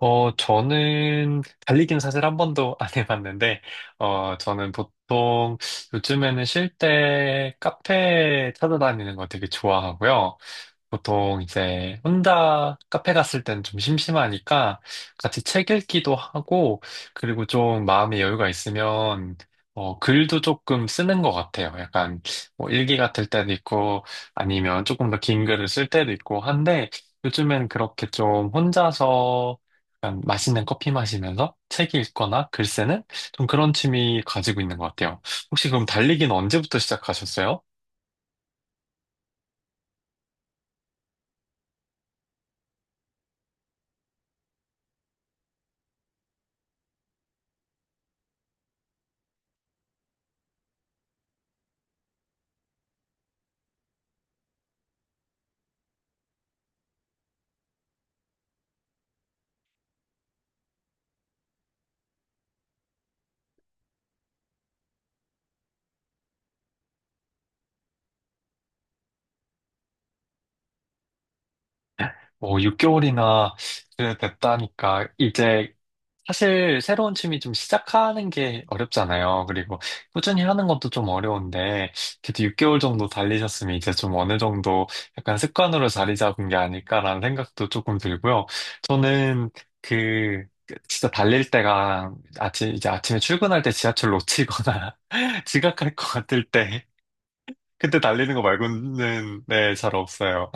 저는 달리기는 사실 한 번도 안 해봤는데, 저는 보통 요즘에는 쉴 때 카페 찾아다니는 거 되게 좋아하고요. 보통 이제 혼자 카페 갔을 땐 좀 심심하니까 같이 책 읽기도 하고, 그리고 좀 마음의 여유가 있으면, 글도 조금 쓰는 것 같아요. 약간 뭐 일기 같을 때도 있고, 아니면 조금 더 긴 글을 쓸 때도 있고 한데, 요즘엔 그렇게 좀 혼자서 약간 맛있는 커피 마시면서 책 읽거나 글 쓰는 좀 그런 취미 가지고 있는 것 같아요. 혹시 그럼 달리기는 언제부터 시작하셨어요? 뭐 6개월이나 됐다니까 이제 사실 새로운 취미 좀 시작하는 게 어렵잖아요. 그리고 꾸준히 하는 것도 좀 어려운데 그래도 6개월 정도 달리셨으면 이제 좀 어느 정도 약간 습관으로 자리 잡은 게 아닐까라는 생각도 조금 들고요. 저는 그 진짜 달릴 때가 아침 이제 아침에 출근할 때 지하철 놓치거나 지각할 것 같을 때 그때 달리는 거 말고는 네, 잘 없어요.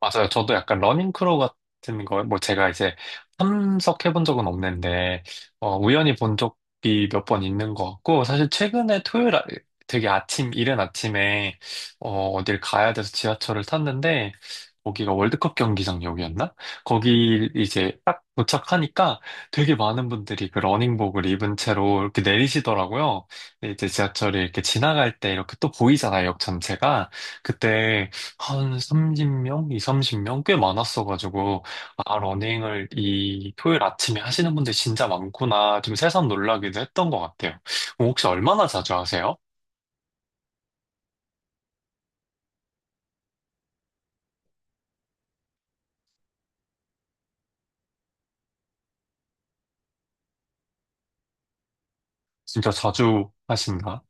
맞아요. 저도 약간 러닝크루 같은 거, 뭐 제가 이제 참석해본 적은 없는데, 우연히 본 적이 몇 번 있는 것 같고, 사실 최근에 토요일, 되게 아침, 이른 아침에, 어딜 가야 돼서 지하철을 탔는데, 거기가 월드컵 경기장역이었나? 거기 이제 딱 도착하니까 되게 많은 분들이 그 러닝복을 입은 채로 이렇게 내리시더라고요. 근데 이제 지하철이 이렇게 지나갈 때 이렇게 또 보이잖아요, 역 전체가. 그때 한 30명? 이삼십 명 꽤 많았어가지고, 아, 러닝을 이 토요일 아침에 하시는 분들 진짜 많구나. 좀 새삼 놀라기도 했던 것 같아요. 그럼 혹시 얼마나 자주 하세요? 진짜 자주 하신가?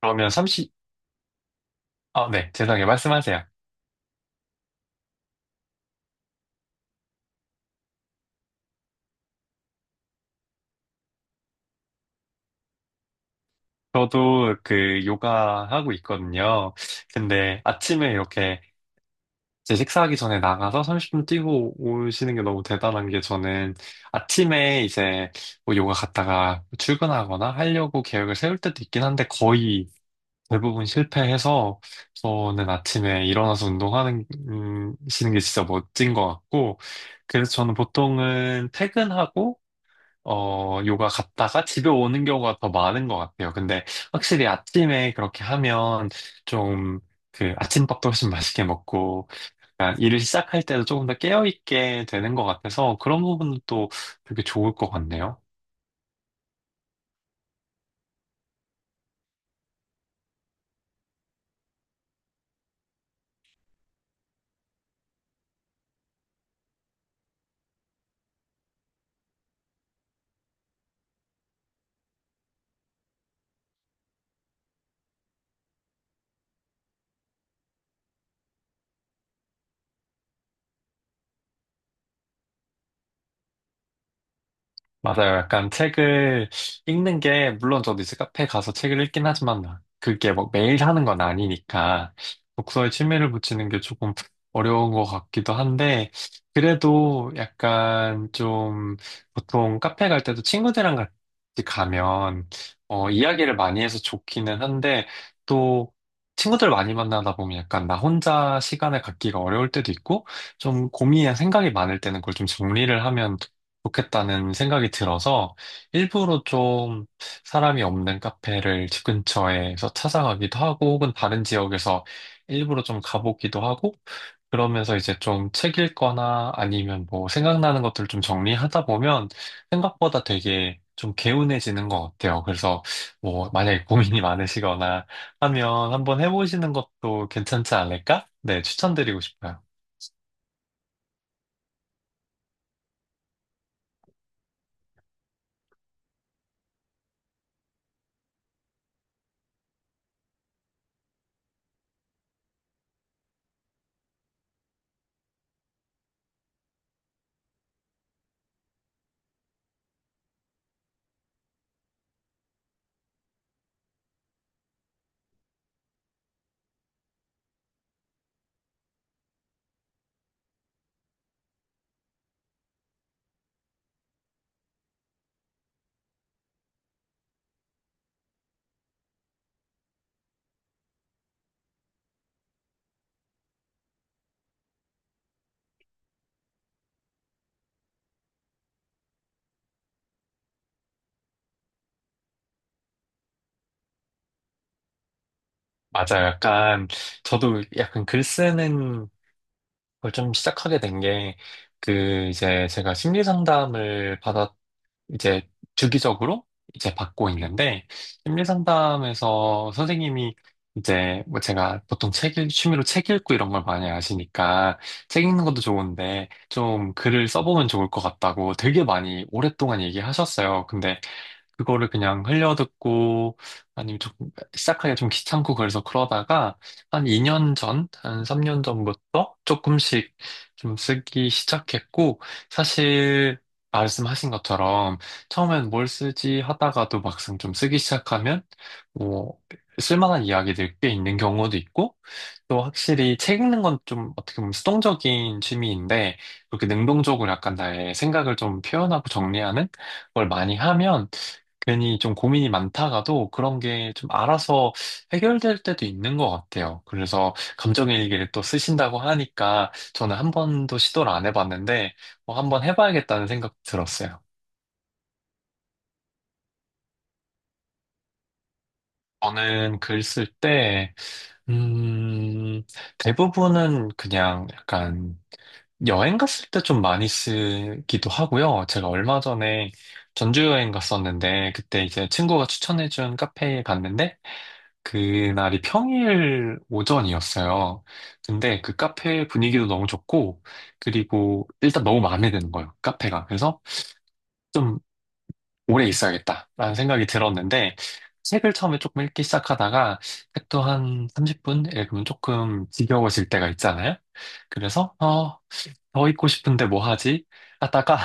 그러면 30, 아, 네. 죄송해요. 말씀하세요. 저도 그 요가 하고 있거든요. 근데 아침에 이렇게 제 식사하기 전에 나가서 30분 뛰고 오시는 게 너무 대단한 게 저는 아침에 이제 뭐 요가 갔다가 출근하거나 하려고 계획을 세울 때도 있긴 한데 거의 대부분 실패해서 저는 아침에 일어나서 운동하는 시는 게 진짜 멋진 것 같고 그래서 저는 보통은 퇴근하고 요가 갔다가 집에 오는 경우가 더 많은 것 같아요. 근데 확실히 아침에 그렇게 하면 좀 그 아침밥도 훨씬 맛있게 먹고 약간 일을 시작할 때도 조금 더 깨어있게 되는 것 같아서 그런 부분도 되게 좋을 것 같네요. 맞아요. 약간 책을 읽는 게, 물론 저도 이제 카페 가서 책을 읽긴 하지만, 그게 뭐 매일 하는 건 아니니까, 독서에 취미를 붙이는 게 조금 어려운 것 같기도 한데, 그래도 약간 좀, 보통 카페 갈 때도 친구들이랑 같이 가면, 이야기를 많이 해서 좋기는 한데, 또, 친구들 많이 만나다 보면 약간 나 혼자 시간을 갖기가 어려울 때도 있고, 좀 고민이나 생각이 많을 때는 그걸 좀 정리를 하면 좋겠다는 생각이 들어서 일부러 좀 사람이 없는 카페를 집 근처에서 찾아가기도 하고 혹은 다른 지역에서 일부러 좀 가보기도 하고 그러면서 이제 좀 책 읽거나 아니면 뭐 생각나는 것들 좀 정리하다 보면 생각보다 되게 좀 개운해지는 것 같아요. 그래서 뭐 만약에 고민이 많으시거나 하면 한번 해보시는 것도 괜찮지 않을까? 네, 추천드리고 싶어요. 맞아요. 약간 저도 약간 글 쓰는 그걸 좀 시작하게 된 게, 그, 이제 제가 심리 상담을 받았, 이제 주기적으로 이제 받고 있는데, 심리 상담에서 선생님이 이제 뭐 제가 보통 책, 읽- 취미로 책 읽고 이런 걸 많이 아시니까, 책 읽는 것도 좋은데, 좀 글을 써보면 좋을 것 같다고 되게 많이 오랫동안 얘기하셨어요. 근데 그거를 그냥 흘려듣고 아니면 좀 시작하기가 좀 귀찮고 그래서 그러다가 한 2년 전, 한 3년 전부터 조금씩 좀 쓰기 시작했고 사실 말씀하신 것처럼 처음엔 뭘 쓰지 하다가도 막상 좀 쓰기 시작하면 뭐 쓸만한 이야기들 꽤 있는 경우도 있고 또 확실히 책 읽는 건 좀 어떻게 보면 수동적인 취미인데 그렇게 능동적으로 약간 나의 생각을 좀 표현하고 정리하는 걸 많이 하면 괜히 좀 고민이 많다가도 그런 게 좀 알아서 해결될 때도 있는 것 같아요. 그래서 감정일기를 또 쓰신다고 하니까 저는 한 번도 시도를 안 해봤는데 뭐 한번 해봐야겠다는 생각 들었어요. 저는 글 쓸 때, 음, 대부분은 그냥 약간 여행 갔을 때 좀 많이 쓰기도 하고요. 제가 얼마 전에 전주 여행 갔었는데 그때 이제 친구가 추천해준 카페에 갔는데 그날이 평일 오전이었어요. 근데 그 카페 분위기도 너무 좋고, 그리고 일단 너무 마음에 드는 거예요, 카페가. 그래서 좀 오래 있어야겠다라는 생각이 들었는데, 책을 처음에 조금 읽기 시작하다가, 책도 한 30분 읽으면 조금 지겨워질 때가 있잖아요. 그래서, 더 읽고 싶은데 뭐 하지? 하다가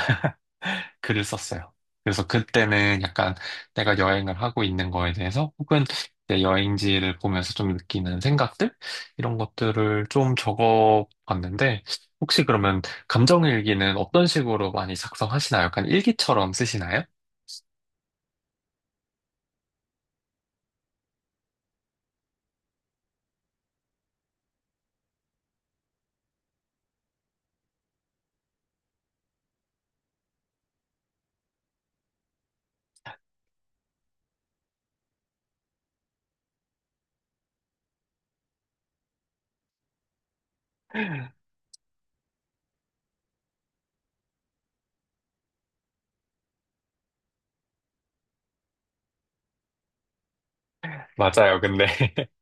글을 썼어요. 그래서 그때는 약간 내가 여행을 하고 있는 거에 대해서 혹은 내 여행지를 보면서 좀 느끼는 생각들? 이런 것들을 좀 적어 봤는데 혹시 그러면 감정일기는 어떤 식으로 많이 작성하시나요? 약간 일기처럼 쓰시나요? 맞아요. 근데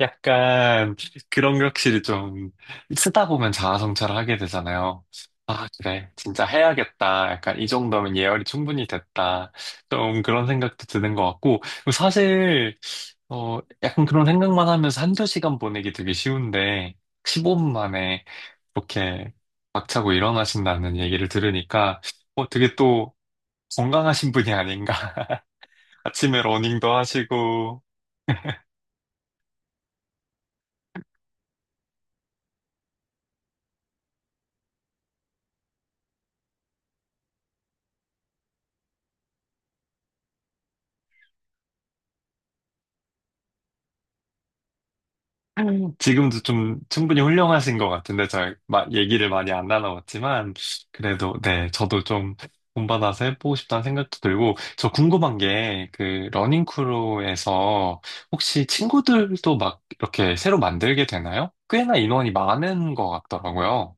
약간 그런 격실이 좀 쓰다 보면 자아성찰을 하게 되잖아요. 아, 그래. 진짜 해야겠다. 약간 이 정도면 예열이 충분히 됐다. 좀 그런 생각도 드는 것 같고. 그리고 사실, 약간 그런 생각만 하면서 한두 시간 보내기 되게 쉬운데, 15분 만에 그렇게 박차고 일어나신다는 얘기를 들으니까, 되게 또 건강하신 분이 아닌가. 아침에 러닝도 하시고, 지금도 좀 충분히 훌륭하신 것 같은데, 얘기를 많이 안 나눠봤지만, 그래도, 네, 저도 좀 본받아서 해보고 싶다는 생각도 들고, 저 궁금한 게, 그, 러닝크루에서 혹시 친구들도 막 이렇게 새로 만들게 되나요? 꽤나 인원이 많은 것 같더라고요.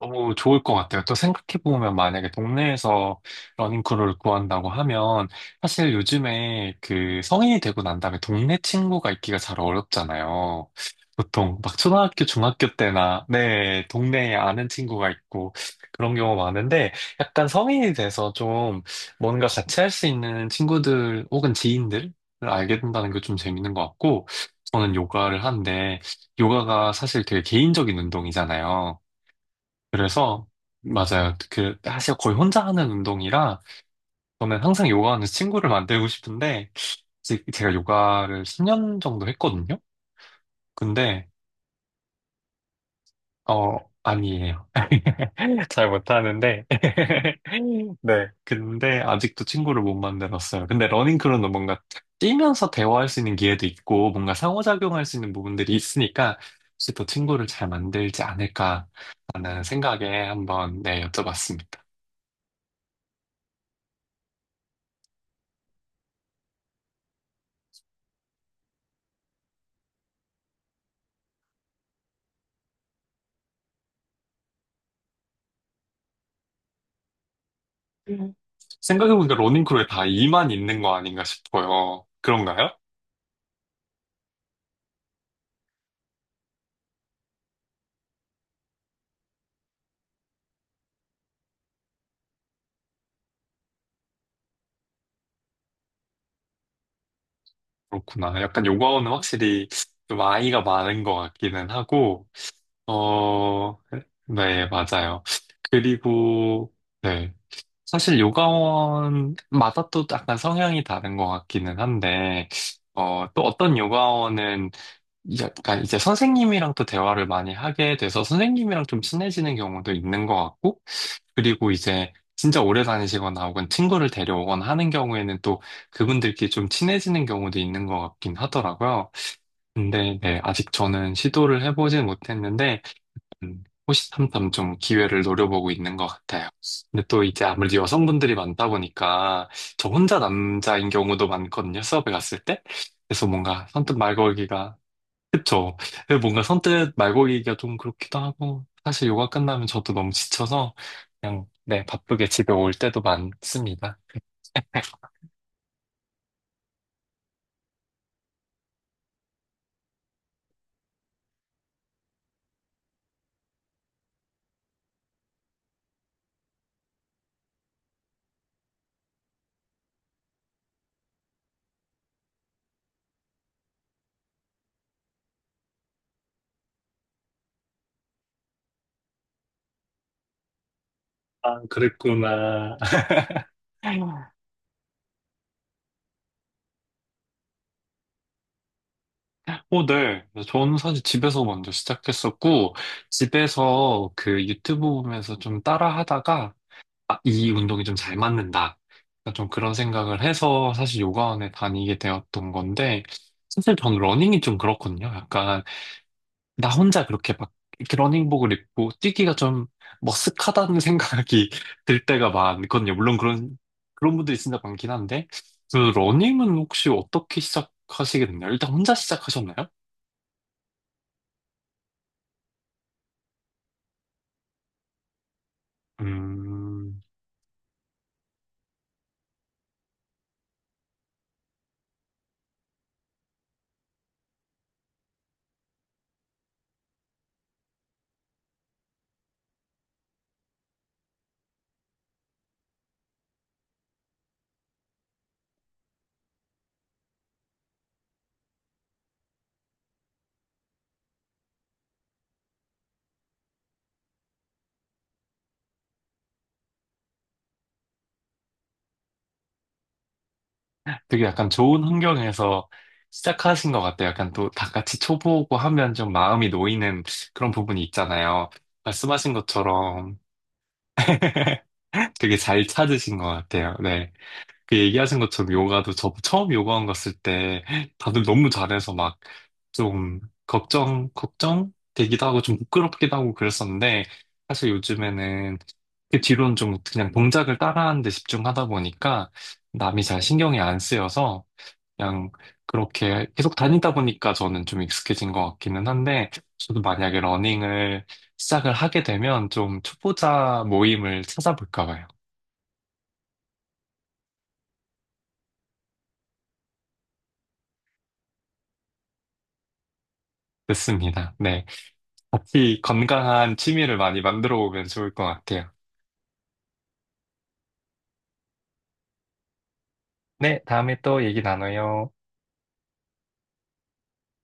너무 좋을 것 같아요. 또 생각해보면 만약에 동네에서 러닝크루를 구한다고 하면 사실 요즘에 그 성인이 되고 난 다음에 동네 친구가 있기가 잘 어렵잖아요. 보통 막 초등학교, 중학교 때나 네, 동네에 아는 친구가 있고 그런 경우 많은데 약간 성인이 돼서 좀 뭔가 같이 할 수 있는 친구들 혹은 지인들을 알게 된다는 게 좀 재밌는 것 같고 저는 요가를 하는데 요가가 사실 되게 개인적인 운동이잖아요. 그래서 맞아요. 그 사실 거의 혼자 하는 운동이라 저는 항상 요가하는 친구를 만들고 싶은데 제가 요가를 10년 정도 했거든요. 근데 어 아니에요. 잘 못하는데 네. 근데 아직도 친구를 못 만들었어요. 근데 러닝크루는 뭔가 뛰면서 대화할 수 있는 기회도 있고 뭔가 상호작용할 수 있는 부분들이 있으니까 혹시 더 친구를 잘 만들지 않을까라는 생각에 한번 네, 여쭤봤습니다. 생각해보니까 러닝크루에 다 이만 있는 거 아닌가 싶어요. 그런가요? 그렇구나. 약간 요가원은 확실히 좀 아이가 많은 것 같기는 하고, 어, 네, 맞아요. 그리고, 네. 사실 요가원마다 또 약간 성향이 다른 것 같기는 한데, 또 어떤 요가원은 약간 이제 선생님이랑 또 대화를 많이 하게 돼서 선생님이랑 좀 친해지는 경우도 있는 것 같고, 그리고 이제 진짜 오래 다니시거나 혹은 친구를 데려오거나 하는 경우에는 또 그분들끼리 좀 친해지는 경우도 있는 것 같긴 하더라고요. 근데 네, 아직 저는 시도를 해보진 못했는데, 호시탐탐 좀 기회를 노려보고 있는 것 같아요. 근데 또 이제 아무래도 여성분들이 많다 보니까 저 혼자 남자인 경우도 많거든요, 수업에 갔을 때. 그래서 뭔가 선뜻 말 걸기가. 그쵸. 그 뭔가 선뜻 말고기가 좀 그렇기도 하고, 사실 요가 끝나면 저도 너무 지쳐서, 그냥, 네, 바쁘게 집에 올 때도 많습니다. 아, 그랬구나. 네. 저는 사실 집에서 먼저 시작했었고, 집에서 그 유튜브 보면서 좀 따라 하다가, 아, 이 운동이 좀 잘 맞는다. 그러니까 좀 그런 생각을 해서 사실 요가원에 다니게 되었던 건데, 사실 저는 러닝이 좀 그렇거든요. 약간 나 혼자 그렇게 막 러닝복을 입고 뛰기가 좀 머쓱하다는 생각이 들 때가 많거든요. 물론 그런, 그런 분들이 진짜 많긴 한데, 그 러닝은 혹시 어떻게 시작하시겠나요? 일단 혼자 시작하셨나요? 음, 되게 약간 좋은 환경에서 시작하신 것 같아요. 약간 또 다 같이 초보고 하면 좀 마음이 놓이는 그런 부분이 있잖아요. 말씀하신 것처럼 되게 잘 찾으신 것 같아요. 네. 그 얘기하신 것처럼 요가도 저 처음 요가원 갔을 때 다들 너무 잘해서 막 좀 걱정 되기도 하고 좀 부끄럽기도 하고 그랬었는데 사실 요즘에는 그 뒤로는 좀 그냥 동작을 따라하는 데 집중하다 보니까 남이 잘 신경이 안 쓰여서 그냥 그렇게 계속 다니다 보니까 저는 좀 익숙해진 것 같기는 한데 저도 만약에 러닝을 시작을 하게 되면 좀 초보자 모임을 찾아볼까 봐요. 됐습니다. 네. 같이 건강한 취미를 많이 만들어 보면 좋을 것 같아요. 네, 다음에 또 얘기 나눠요.